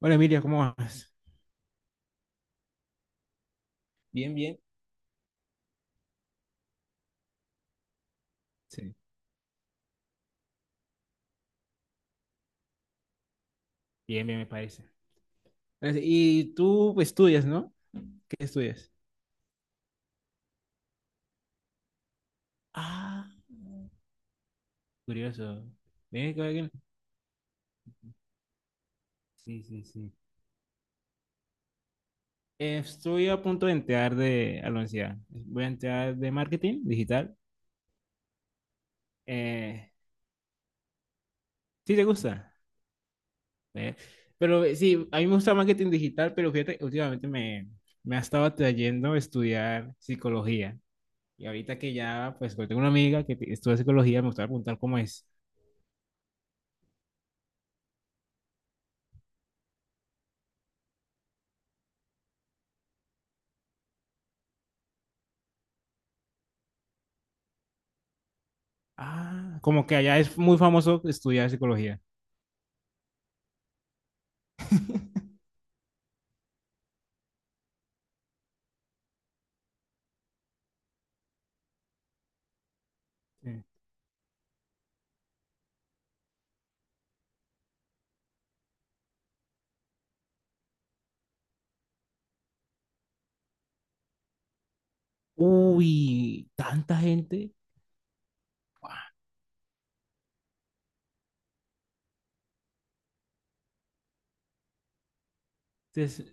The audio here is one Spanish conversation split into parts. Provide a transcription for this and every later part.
Hola Emilia, ¿cómo vas? Bien, bien. Sí. Bien, bien, me parece. Gracias. Y tú estudias, ¿no? ¿Qué estudias? Ah, curioso. Ven, que alguien- Sí, sí, sí. Estoy a punto de entrar de, a la universidad. Voy a entrar de marketing digital. Eh, ¿Sí te gusta? Eh, pero sí, a mí me gusta marketing digital, pero fíjate, me ha estado atrayendo estudiar psicología. Y ahorita que ya, pues, tengo una amiga que te- estudia psicología, me gusta preguntar cómo es. Ah, como que allá es muy famoso estudiar psicología. Sí. Uy, tanta gente. Guau. Entonces,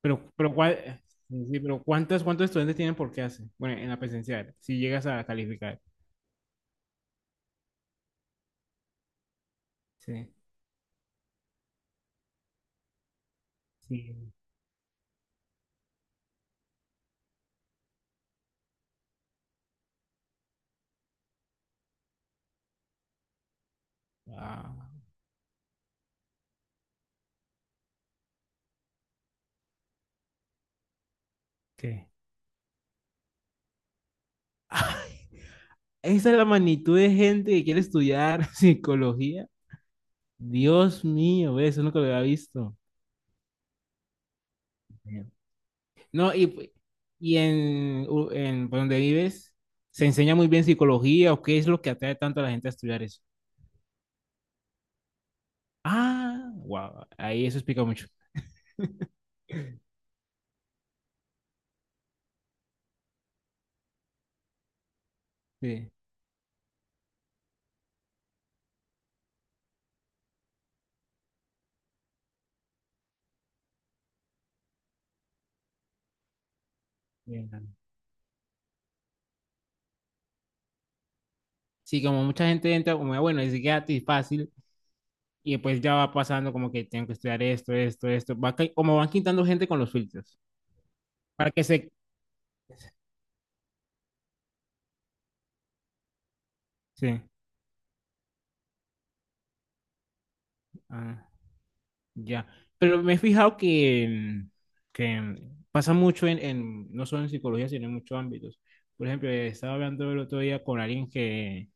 pero, ¿cuál- sí, sí, pero ¿cuántos estudiantes tienen por clase? Bueno, en la presencial, si llegas a calificar. Sí. Sí. Ah, ¿qué? Ay, esa es la magnitud de gente que quiere estudiar psicología. Dios mío, ve, eso nunca lo había visto. No, u- en por donde vives, ¿se enseña muy bien psicología o qué es lo que atrae tanto a la gente a estudiar eso? Ah, wow, ahí eso explica mucho. Sí, bien. Sí, como mucha gente entra como, bueno, es gratis, fácil, y pues ya va pasando como que tengo que estudiar esto, esto, esto, va ca- como van quitando gente con los filtros, para que se... Sí. Ah. Ya, pero me he fijado que en- pasa mucho no solo en psicología, sino en muchos ámbitos. Por ejemplo, estaba hablando el otro día con alguien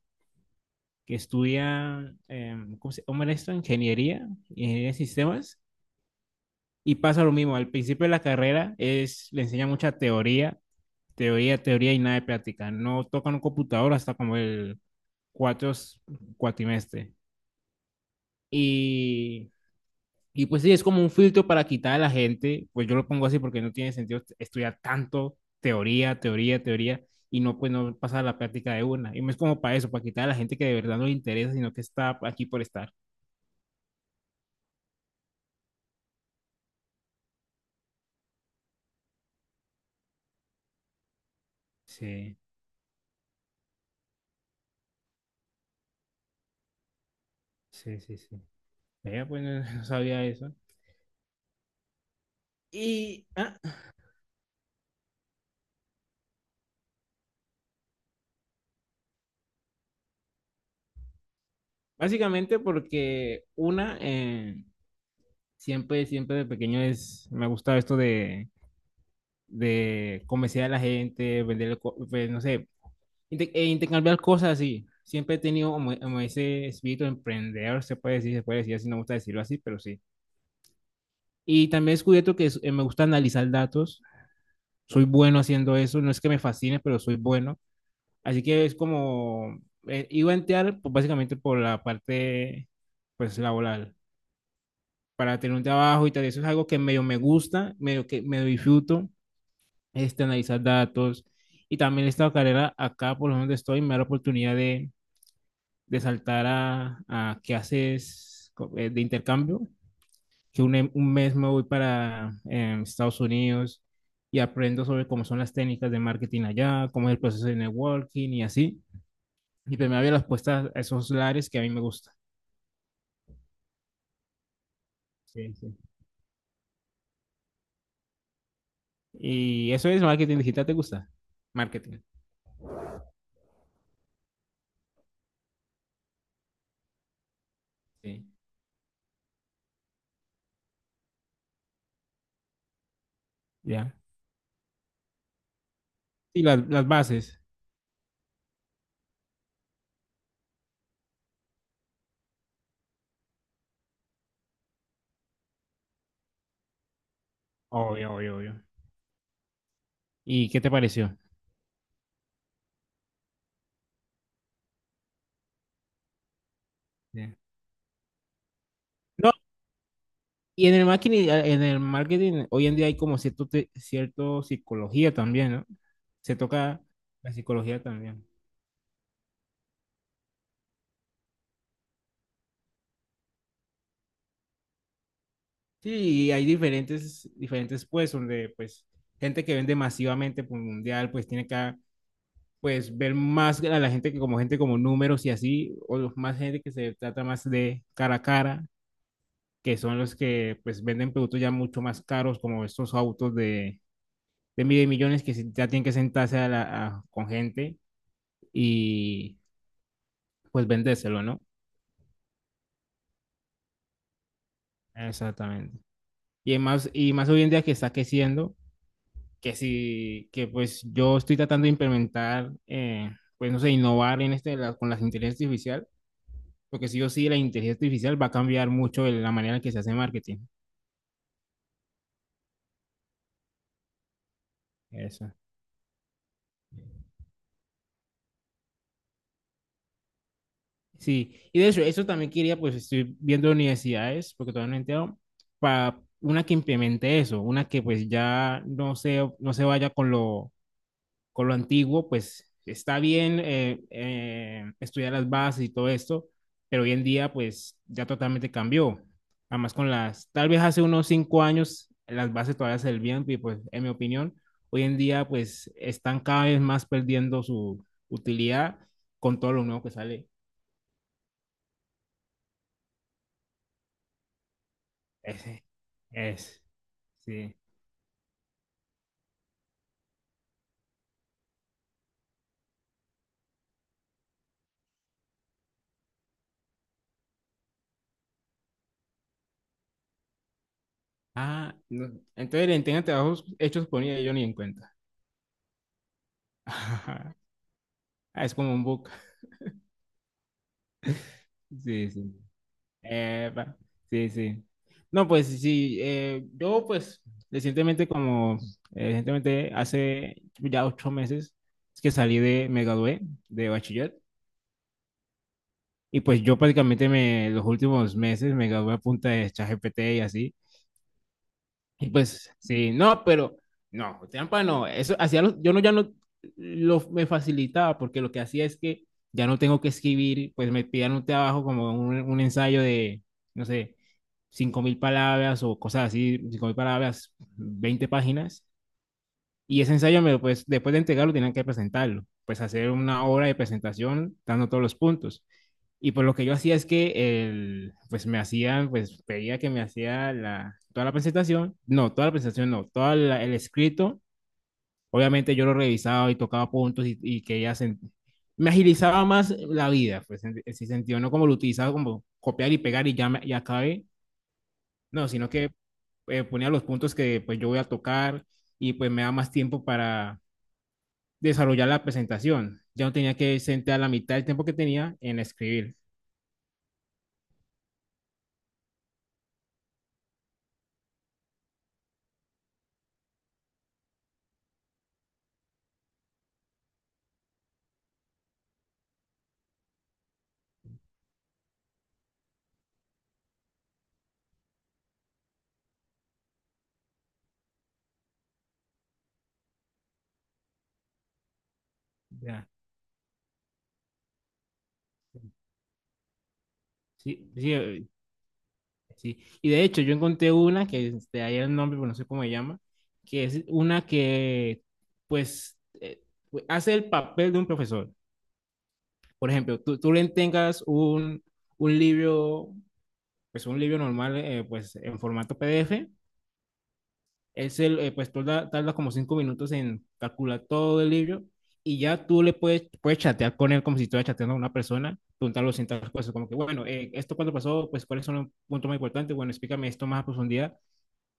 que estudia, ¿cómo se llama esto? Ingeniería, ingeniería de sistemas, y pasa lo mismo. Al principio de la carrera es, le enseña mucha teoría, teoría, teoría y nada de práctica. No tocan un computador hasta como el cuatro cuatrimestre. Y pues sí, es como un filtro para quitar a la gente, pues yo lo pongo así porque no tiene sentido estudiar tanto teoría, teoría, teoría, y no, pues no pasar a la práctica de una. Y no es como para eso, para quitar a la gente que de verdad no le interesa, sino que está aquí por estar. Sí, sí, sí, sí. Vea, pues no, no sabía eso. Y ah, básicamente porque una, siempre, siempre de pequeño es, me ha gustado esto de convencer a la gente, vender, no sé, inter- e intercambiar cosas así. Siempre he tenido como, como ese espíritu de emprender se puede decir así, no me gusta decirlo así, pero sí. Y también he descubierto que es- me gusta analizar datos, soy bueno haciendo eso, no es que me fascine, pero soy bueno. Así que es como, iba a entrar pues, básicamente por la parte pues laboral, para tener un trabajo y tal, eso es algo que medio me gusta, medio que medio disfruto este, analizar datos. Y también esta carrera acá, por donde estoy, me da la oportunidad de saltar a clases co- de intercambio, que un, em- un mes me voy para Estados Unidos y aprendo sobre cómo son las técnicas de marketing allá, cómo es el proceso de networking y así. Y pues me abre las puertas a esos lares que a mí me gusta. Sí, sí. Y eso es marketing digital, ¿te gusta? Marketing. Sí. Ya. Y las bases. Obvio, obvio, obvio. ¿Y qué te pareció? No, y en el marketing hoy en día hay como cierto, te- cierto psicología también, ¿no? Se toca la psicología también. Sí, y hay diferentes, diferentes pues, donde pues gente que vende masivamente por mundial, pues tiene que pues ver más a la gente que como gente como números y así, o los más gente que se trata más de cara a cara, que son los que pues venden productos ya mucho más caros, como estos autos de mil millones que se- ya tienen que sentarse a la- a- con gente pues vendéselo, ¿no? Exactamente. Y más hoy en día que está creciendo, que si, que pues yo estoy tratando de implementar, pues no sé, innovar en este, la- con la inteligencia artificial, porque sí o sí la inteligencia artificial va a cambiar mucho el- la manera en que se hace marketing. Eso. Sí, y de hecho, eso también quería, pues estoy viendo universidades, porque todavía no he enterado, para una que implemente eso, una que pues ya no se vaya con lo antiguo, pues está bien estudiar las bases y todo esto, pero hoy en día pues ya totalmente cambió. Además con las, tal vez hace unos 5 años las bases todavía se servían y pues en mi opinión, hoy en día pues están cada vez más perdiendo su utilidad con todo lo nuevo que sale. Ese, es, sí. Ah, no, entonces el entrega trabajos hechos por ella yo ni en cuenta. Ah, es como un book. Sí, sí. Epa, sí, sí. No, pues sí, yo pues recientemente como, recientemente hace ya 8 meses es que salí de, me gradué de bachiller y pues yo prácticamente me, los últimos meses me gradué a punta de ChatGPT y así. Y pues, sí, no, pero no, trampa no. Eso hacía los- yo no ya no lo me facilitaba porque lo que hacía es que ya no tengo que escribir, pues me pidan un trabajo como un ensayo de, no sé, 5.000 palabras o cosas así, 5.000 palabras, 20 páginas. Y ese ensayo, me lo, pues, después de entregarlo, tenían que presentarlo, pues hacer una hora de presentación dando todos los puntos. Y pues lo que yo hacía es que el, pues me hacían, pues pedía que me hacía la, toda la presentación, no, toda la presentación no, todo el escrito, obviamente yo lo revisaba y tocaba puntos y que ella se, me agilizaba más la vida, pues en ese sentido, no como lo utilizaba como copiar y pegar y ya, me- ya acabé, no, sino que ponía los puntos que pues yo voy a tocar y pues me da más tiempo para desarrollar la presentación. Ya no tenía que sentar la mitad del tiempo que tenía en escribir. Ya. Sí, sí, sí. Y de hecho, yo encontré una que este, ahí el nombre, pero no sé cómo se llama, que es una que, pues, hace el papel de un profesor. Por ejemplo, tú le tengas un libro, pues un libro normal, pues en formato PDF, es el, pues tarda, tarda como 5 minutos en calcular todo el libro y ya tú le puedes, puedes chatear con él como si estuvieras chateando a una persona, preguntarle ciertas cosas, como que, bueno, esto cuando pasó, pues cuáles son los puntos más importantes, bueno, explícame esto más a profundidad.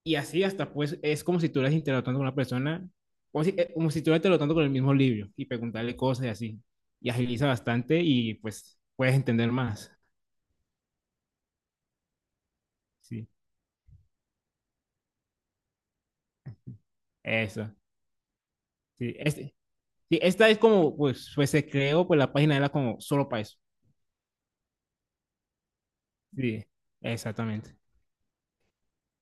Y así hasta, pues, es como si tú estuvieras interactuando con una persona, como si estuvieras interactuando con el mismo libro y preguntarle cosas y así. Y agiliza bastante y pues puedes entender más. Sí, eso. Sí, este, sí esta es como, pues, pues se creó, pues la página era como solo para eso. Sí, exactamente.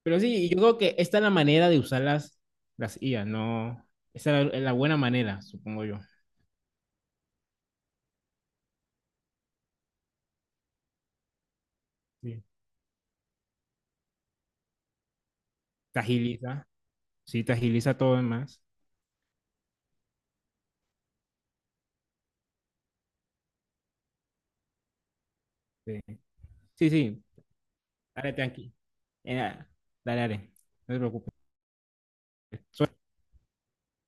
Pero sí, yo creo que esta es la manera de usarlas, las IA, ¿no? Esa es la, la buena manera, supongo yo. Sí. Te agiliza, sí, te agiliza todo en más. Sí, sí, sí, dale tranqui. Eh, dale, dale, no te preocupes.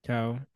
Chao.